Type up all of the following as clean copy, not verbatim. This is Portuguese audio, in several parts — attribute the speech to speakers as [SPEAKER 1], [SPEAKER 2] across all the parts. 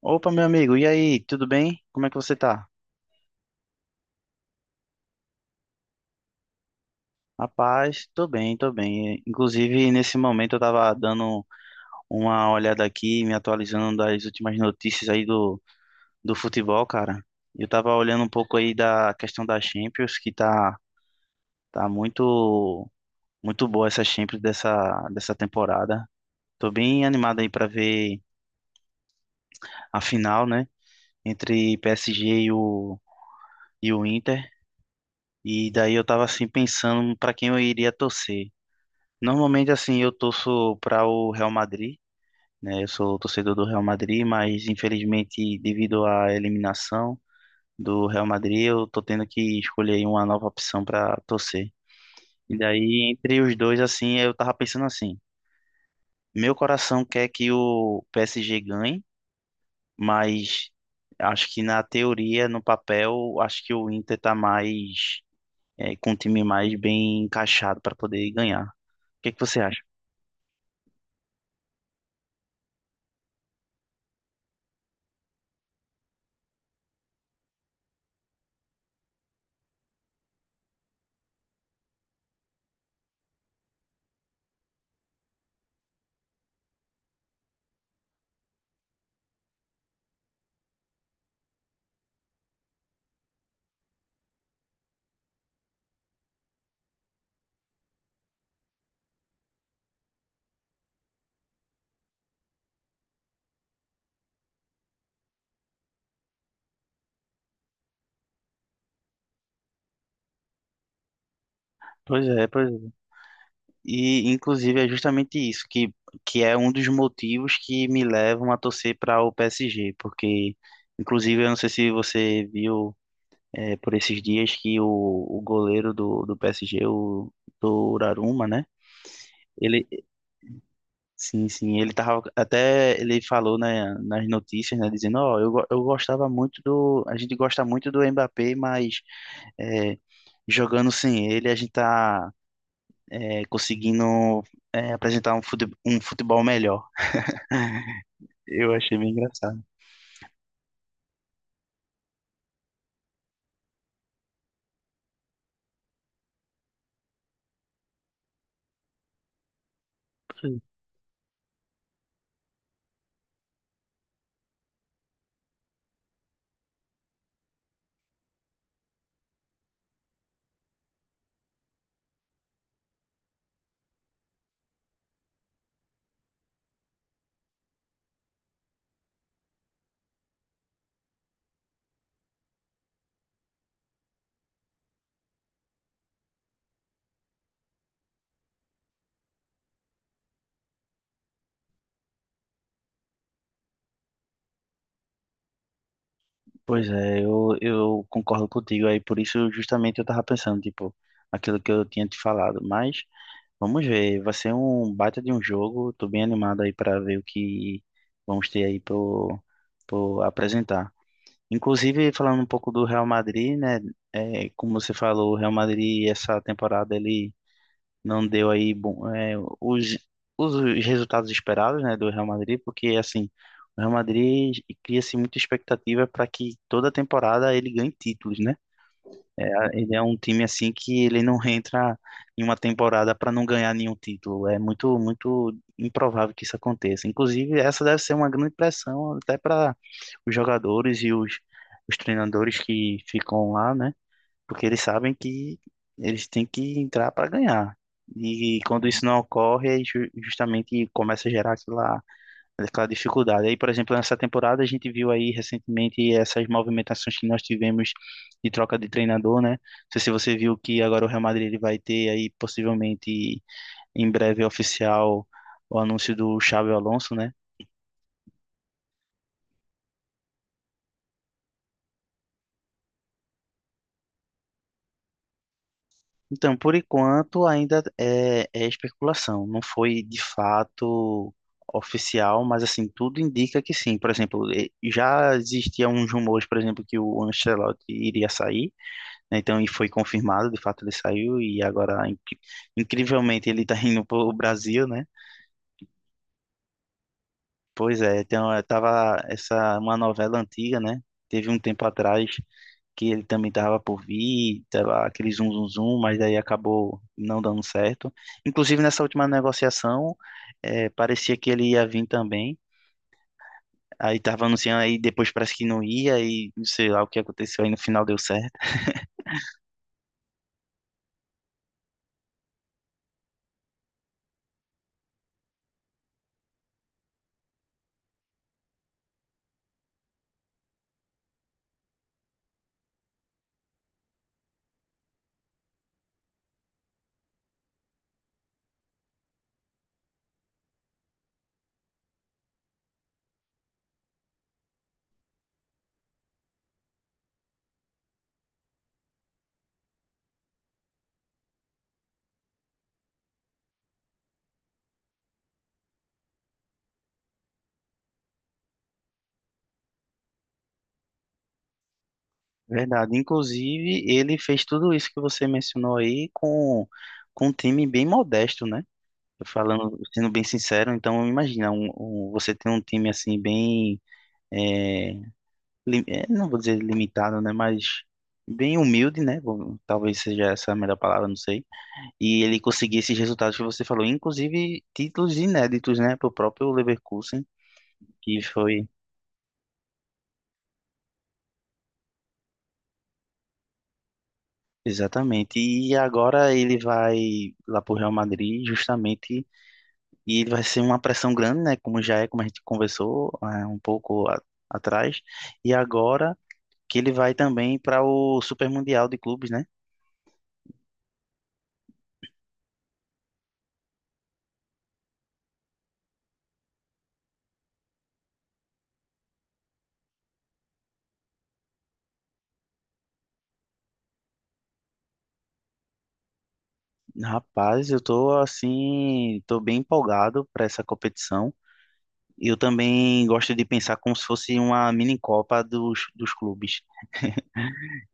[SPEAKER 1] Opa, meu amigo, e aí, tudo bem? Como é que você tá? Rapaz, tô bem, tô bem. Inclusive, nesse momento eu tava dando uma olhada aqui, me atualizando das últimas notícias aí do futebol, cara. Eu tava olhando um pouco aí da questão da Champions, tá muito boa essa Champions dessa temporada. Tô bem animado aí pra ver a final, né? Entre PSG e o Inter. E daí eu tava assim pensando pra quem eu iria torcer. Normalmente, assim, eu torço para o Real Madrid, né? Eu sou torcedor do Real Madrid, mas infelizmente, devido à eliminação do Real Madrid, eu tô tendo que escolher aí uma nova opção para torcer. E daí, entre os dois, assim, eu tava pensando assim: meu coração quer que o PSG ganhe, mas acho que na teoria, no papel, acho que o Inter tá mais, com um time mais bem encaixado para poder ganhar. O que que você acha? Pois é, inclusive, é justamente isso que é um dos motivos que me levam a torcer para o PSG, porque, inclusive, eu não sei se você viu por esses dias que o goleiro do PSG, o Donnarumma, né? Ele, sim, sim, ele tava, até ele falou né, nas notícias, né, dizendo, ó, eu, eu gostava muito do, a gente gosta muito do Mbappé, mas eh, jogando sem ele, a gente tá é, conseguindo é, apresentar um um futebol melhor. Eu achei bem engraçado. Pois é, eu concordo contigo aí, por isso justamente eu tava pensando, tipo, aquilo que eu tinha te falado, mas vamos ver, vai ser um baita de um jogo, tô bem animado aí para ver o que vamos ter aí pro apresentar. Inclusive, falando um pouco do Real Madrid, né, é, como você falou, o Real Madrid essa temporada ele não deu aí bom, é, os resultados esperados, né, do Real Madrid, porque assim, o Real Madrid cria-se muita expectativa para que toda temporada ele ganhe títulos, né? Ele é um time assim que ele não entra em uma temporada para não ganhar nenhum título. É muito improvável que isso aconteça. Inclusive, essa deve ser uma grande pressão até para os jogadores e os treinadores que ficam lá, né? Porque eles sabem que eles têm que entrar para ganhar. E quando isso não ocorre, aí justamente começa a gerar aquela dificuldade. Aí, por exemplo, nessa temporada a gente viu aí recentemente essas movimentações que nós tivemos de troca de treinador, né? Não sei se você viu que agora o Real Madrid ele vai ter aí possivelmente em breve oficial o anúncio do Xabi Alonso, né? Então, por enquanto, ainda é especulação. Não foi de fato oficial, mas assim, tudo indica que sim. Por exemplo, já existiam uns rumores, por exemplo, que o Ancelotti iria sair, né? Então, e foi confirmado, de fato ele saiu, e agora, incrivelmente, ele está indo para o Brasil, né? Pois é, tava essa uma novela antiga, né? Teve um tempo atrás que ele também tava por vir, tava aquele zum zum zum, mas aí acabou não dando certo. Inclusive nessa última negociação, parecia que ele ia vir também. Aí tava anunciando aí depois parece que não ia e não sei lá o que aconteceu aí no final deu certo. Verdade. Inclusive ele fez tudo isso que você mencionou aí com um time bem modesto, né? Tô falando, sendo bem sincero, então imagina, você tem um time assim bem, é, é, não vou dizer limitado, né, mas bem humilde, né, bom, talvez seja essa a melhor palavra, não sei, e ele conseguir esses resultados que você falou, inclusive títulos inéditos, né, para próprio Leverkusen, que foi exatamente, e agora ele vai lá para o Real Madrid justamente, e ele vai ser uma pressão grande, né, como já é, como a gente conversou, é, um pouco atrás, e agora que ele vai também para o Super Mundial de Clubes, né? Rapaz, eu tô assim, tô bem empolgado para essa competição. Eu também gosto de pensar como se fosse uma mini Copa dos clubes.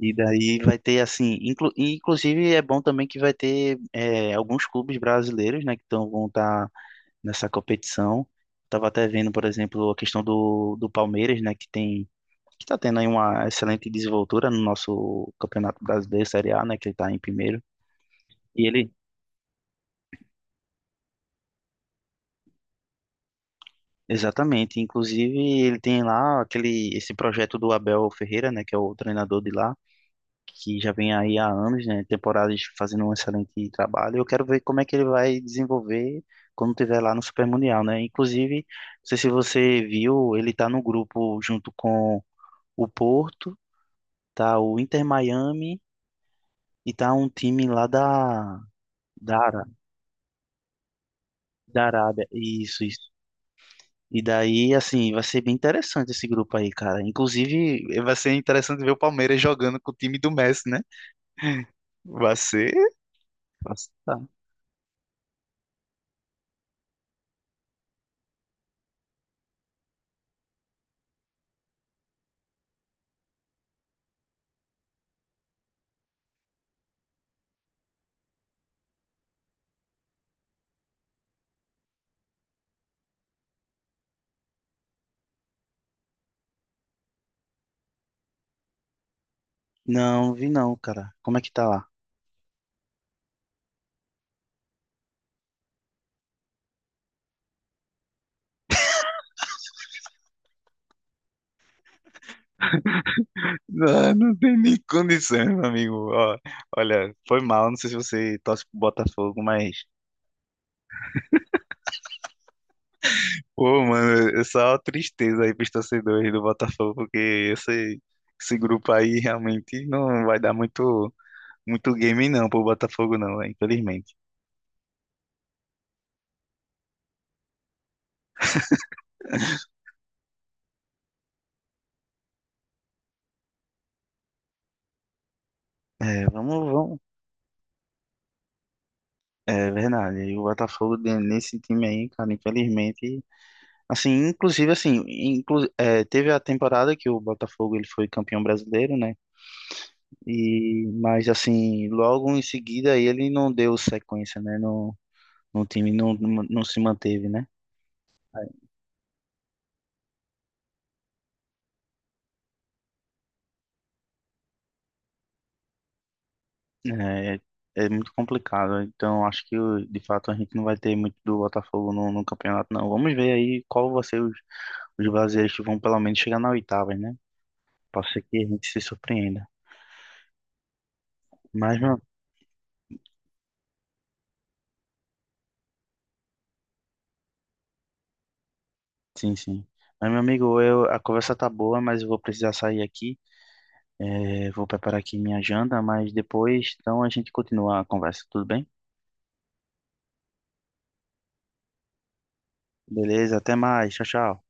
[SPEAKER 1] E daí vai ter assim, e inclusive é bom também que vai ter é, alguns clubes brasileiros, né, que tão, vão estar nessa competição. Tava até vendo, por exemplo, a questão do Palmeiras, né, que está tendo aí uma excelente desenvoltura no nosso Campeonato Brasileiro Série A, né, que ele está em primeiro. E ele, exatamente, inclusive ele tem lá aquele esse projeto do Abel Ferreira, né, que é o treinador de lá, que já vem aí há anos, né, temporadas fazendo um excelente trabalho. Eu quero ver como é que ele vai desenvolver quando tiver lá no Super Mundial, né? Inclusive, não sei se você viu, ele tá no grupo junto com o Porto, tá o Inter Miami e tá um time lá da, Ara- da Arábia. Isso, isso. E daí, assim, vai ser bem interessante esse grupo aí, cara. Inclusive, vai ser interessante ver o Palmeiras jogando com o time do Messi, né? Vai ser. Tá. Não, vi não, cara. Como é que tá lá? Não, não tem nem condição, meu amigo. Ó, olha, foi mal. Não sei se você torce pro Botafogo, mas. Pô, mano, é só tristeza aí pros torcedores do Botafogo, porque esse, esse grupo aí realmente não vai dar muito game, não, pro Botafogo, não, né? Infelizmente. É, vamos. É verdade. E o Botafogo nesse time aí, cara, infelizmente, assim, inclusive assim, inclu é, teve a temporada que o Botafogo ele foi campeão brasileiro, né? E mas assim, logo em seguida aí ele não deu sequência, né? No, no time não, não se manteve, né? É, é é muito complicado. Então acho que de fato a gente não vai ter muito do Botafogo no campeonato, não. Vamos ver aí qual vai ser os brasileiros que vão pelo menos chegar na oitava, né? Pode ser que a gente se surpreenda. Mas, meu Sim, sim. Mas, meu amigo, a conversa tá boa, mas eu vou precisar sair aqui. É, vou preparar aqui minha janta, mas depois, então, a gente continua a conversa, tudo bem? Beleza, até mais. Tchau, tchau.